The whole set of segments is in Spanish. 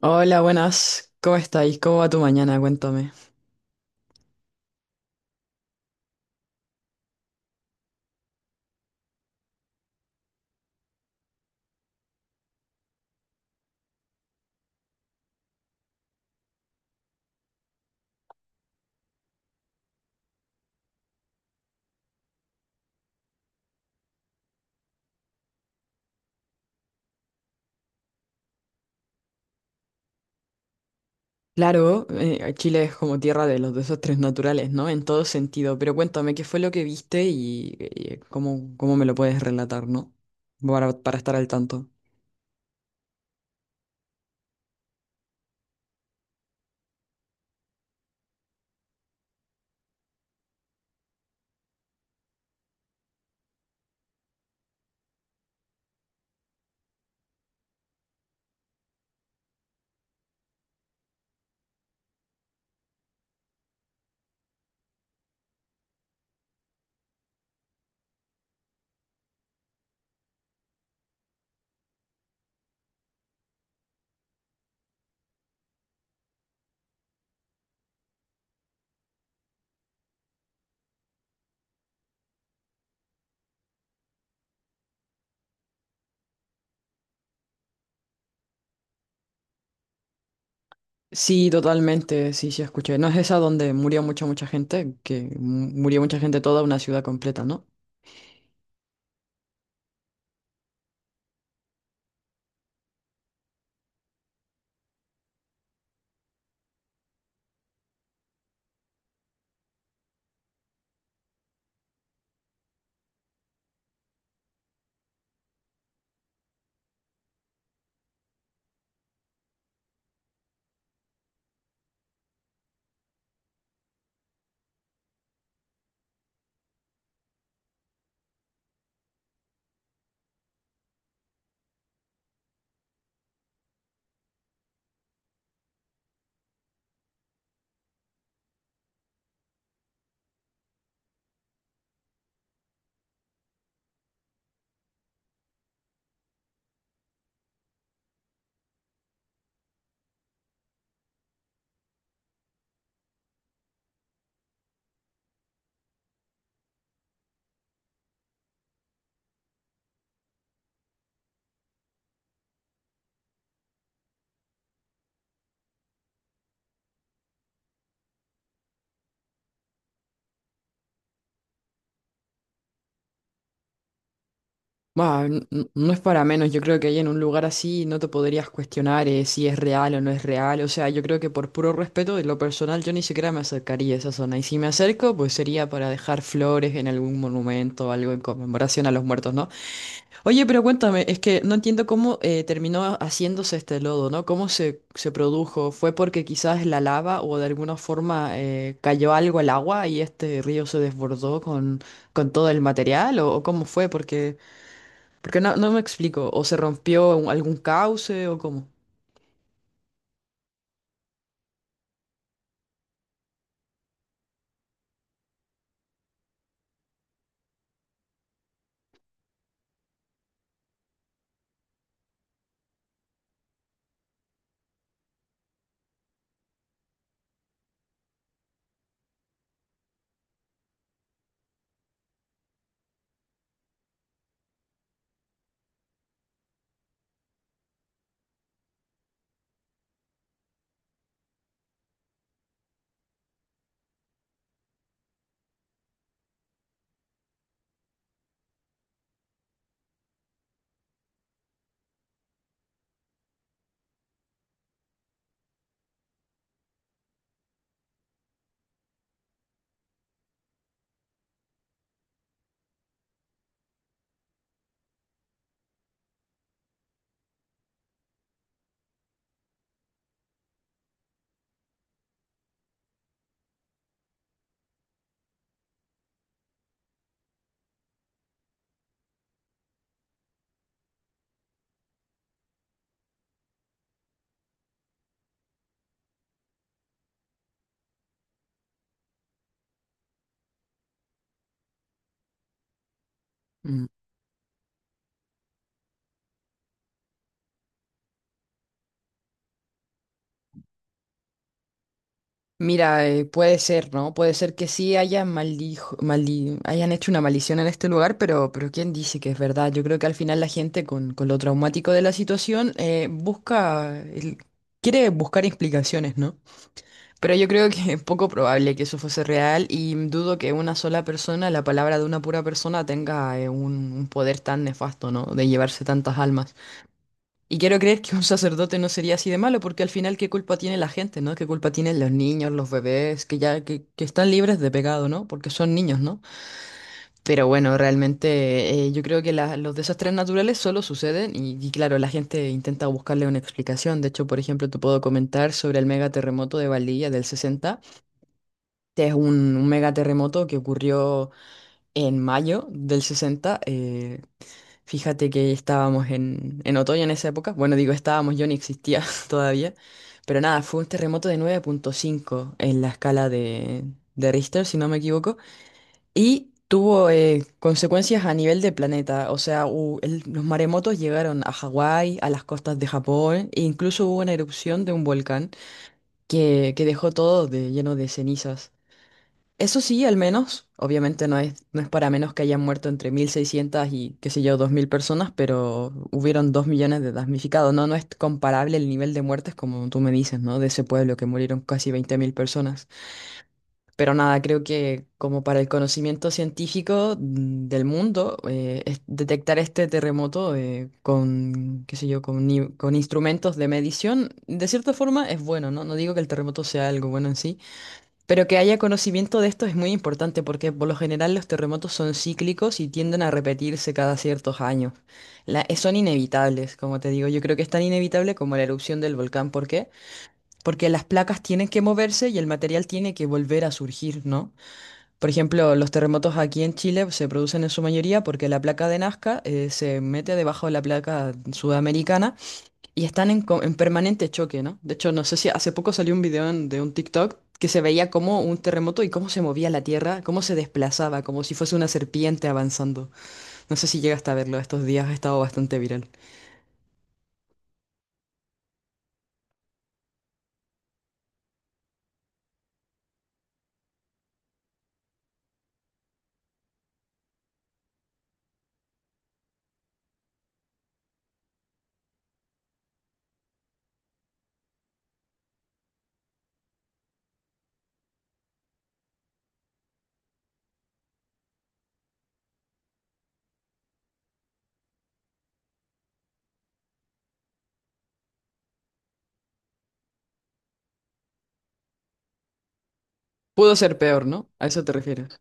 Hola, buenas. ¿Cómo estáis? ¿Cómo va tu mañana? Cuéntame. Claro, Chile es como tierra de los desastres naturales, ¿no? En todo sentido. Pero cuéntame, ¿qué fue lo que viste y, cómo, cómo me lo puedes relatar, ¿no? Para estar al tanto. Sí, totalmente, sí, sí, escuché. ¿No es esa donde murió mucha, mucha gente, que murió mucha gente, toda una ciudad completa, ¿no? Bah, no es para menos, yo creo que ahí en un lugar así no te podrías cuestionar si es real o no es real, o sea, yo creo que por puro respeto, en lo personal, yo ni siquiera me acercaría a esa zona, y si me acerco, pues sería para dejar flores en algún monumento o algo en conmemoración a los muertos, ¿no? Oye, pero cuéntame, es que no entiendo cómo terminó haciéndose este lodo, ¿no? ¿Cómo se produjo? ¿Fue porque quizás la lava o de alguna forma cayó algo al agua y este río se desbordó con todo el material, o cómo fue? Porque... Porque no, no me explico, o se rompió algún cauce o cómo. Mm. Mira, puede ser, ¿no? Puede ser que sí hayan hayan hecho una maldición en este lugar, pero ¿quién dice que es verdad? Yo creo que al final la gente con lo traumático de la situación busca, quiere buscar explicaciones, ¿no? Pero yo creo que es poco probable que eso fuese real y dudo que una sola persona, la palabra de una pura persona, tenga un poder tan nefasto, ¿no? De llevarse tantas almas. Y quiero creer que un sacerdote no sería así de malo, porque al final, ¿qué culpa tiene la gente, no? ¿Qué culpa tienen los niños, los bebés, que ya que están libres de pecado, ¿no? Porque son niños, ¿no? Pero bueno, realmente yo creo que los desastres naturales solo suceden y claro, la gente intenta buscarle una explicación. De hecho, por ejemplo, te puedo comentar sobre el megaterremoto de Valdivia del 60. Este es un megaterremoto que ocurrió en mayo del 60. Fíjate que estábamos en otoño en esa época. Bueno, digo estábamos, yo ni existía todavía. Pero nada, fue un terremoto de 9,5 en la escala de Richter, si no me equivoco. Y tuvo consecuencias a nivel de planeta. O sea, los maremotos llegaron a Hawái, a las costas de Japón, e incluso hubo una erupción de un volcán que dejó todo de, lleno de cenizas. Eso sí, al menos, obviamente no es, no es para menos que hayan muerto entre 1.600 y, qué sé yo, 2.000 personas, pero hubieron 2 millones de damnificados, ¿no? No es comparable el nivel de muertes como tú me dices, ¿no? De ese pueblo que murieron casi 20.000 personas. Pero nada, creo que como para el conocimiento científico mm, del mundo, detectar este terremoto con, qué sé yo, con, ni- con instrumentos de medición, de cierta forma es bueno, ¿no? No digo que el terremoto sea algo bueno en sí, pero que haya conocimiento de esto es muy importante porque por lo general los terremotos son cíclicos y tienden a repetirse cada ciertos años. Son inevitables, como te digo. Yo creo que es tan inevitable como la erupción del volcán. ¿Por qué? Porque las placas tienen que moverse y el material tiene que volver a surgir, ¿no? Por ejemplo, los terremotos aquí en Chile se producen en su mayoría porque la placa de Nazca se mete debajo de la placa sudamericana. Y están en, en permanente choque, ¿no? De hecho, no sé si hace poco salió un video de un TikTok que se veía como un terremoto y cómo se movía la tierra, cómo se desplazaba, como si fuese una serpiente avanzando. No sé si llegaste a verlo estos días, ha estado bastante viral. Pudo ser peor, ¿no? ¿A eso te refieres?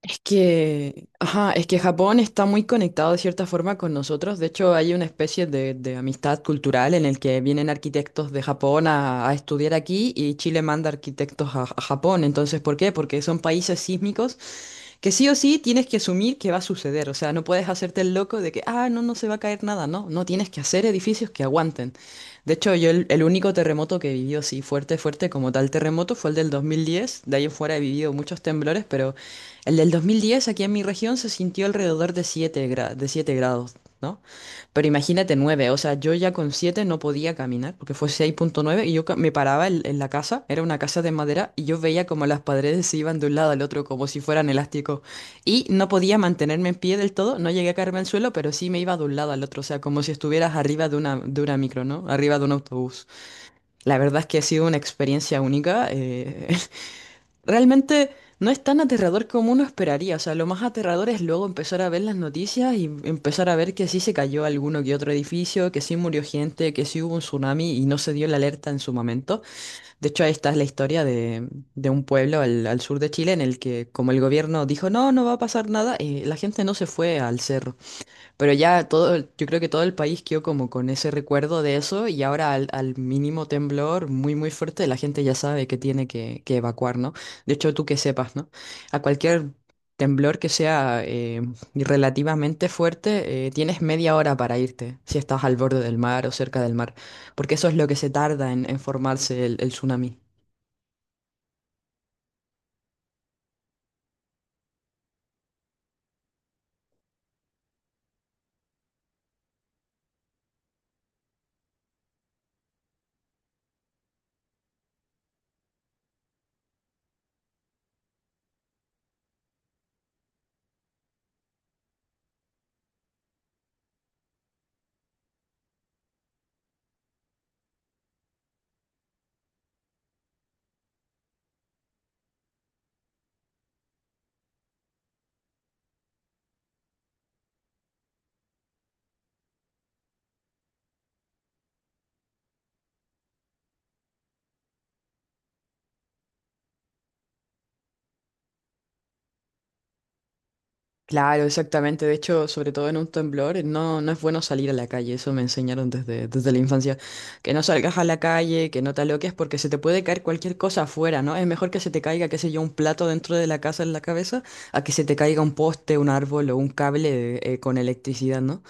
Es que, ajá, es que Japón está muy conectado de cierta forma con nosotros. De hecho, hay una especie de amistad cultural en el que vienen arquitectos de Japón a estudiar aquí y Chile manda arquitectos a Japón. Entonces, ¿por qué? Porque son países sísmicos que sí o sí tienes que asumir que va a suceder. O sea, no puedes hacerte el loco de que, ah, no, no se va a caer nada. No, no tienes que hacer edificios que aguanten. De hecho, yo el único terremoto que he vivido así fuerte, fuerte como tal terremoto fue el del 2010. De ahí en fuera he vivido muchos temblores, pero el del 2010 aquí en mi región se sintió alrededor de de 7 grados. ¿No? Pero imagínate nueve, o sea, yo ya con siete no podía caminar porque fue 6,9 y yo me paraba en la casa, era una casa de madera y yo veía como las paredes se iban de un lado al otro como si fueran elásticos y no podía mantenerme en pie del todo, no llegué a caerme al suelo, pero sí me iba de un lado al otro, o sea, como si estuvieras arriba de una micro, ¿no? Arriba de un autobús. La verdad es que ha sido una experiencia única. Realmente no es tan aterrador como uno esperaría. O sea, lo más aterrador es luego empezar a ver las noticias y empezar a ver que sí se cayó alguno que otro edificio, que sí murió gente, que sí hubo un tsunami y no se dio la alerta en su momento. De hecho, ahí está la historia de un pueblo al, al sur de Chile en el que, como el gobierno dijo, no, no va a pasar nada, la gente no se fue al cerro. Pero ya todo, yo creo que todo el país quedó como con ese recuerdo de eso y ahora al, al mínimo temblor muy muy fuerte la gente ya sabe que tiene que evacuar, ¿no? De hecho, tú que sepas, ¿no? A cualquier temblor que sea relativamente fuerte, tienes media hora para irte, si estás al borde del mar o cerca del mar, porque eso es lo que se tarda en formarse el tsunami. Claro, exactamente. De hecho, sobre todo en un temblor, no, no es bueno salir a la calle. Eso me enseñaron desde, desde la infancia. Que no salgas a la calle, que no te aloques, porque se te puede caer cualquier cosa afuera, ¿no? Es mejor que se te caiga, qué sé yo, un plato dentro de la casa en la cabeza, a que se te caiga un poste, un árbol o un cable con electricidad, ¿no?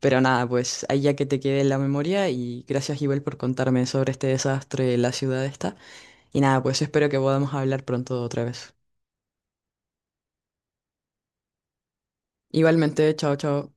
Pero nada, pues ahí ya que te quede en la memoria y gracias, Ibel, por contarme sobre este desastre en la ciudad esta. Y nada, pues espero que podamos hablar pronto otra vez. Igualmente, chao, chao.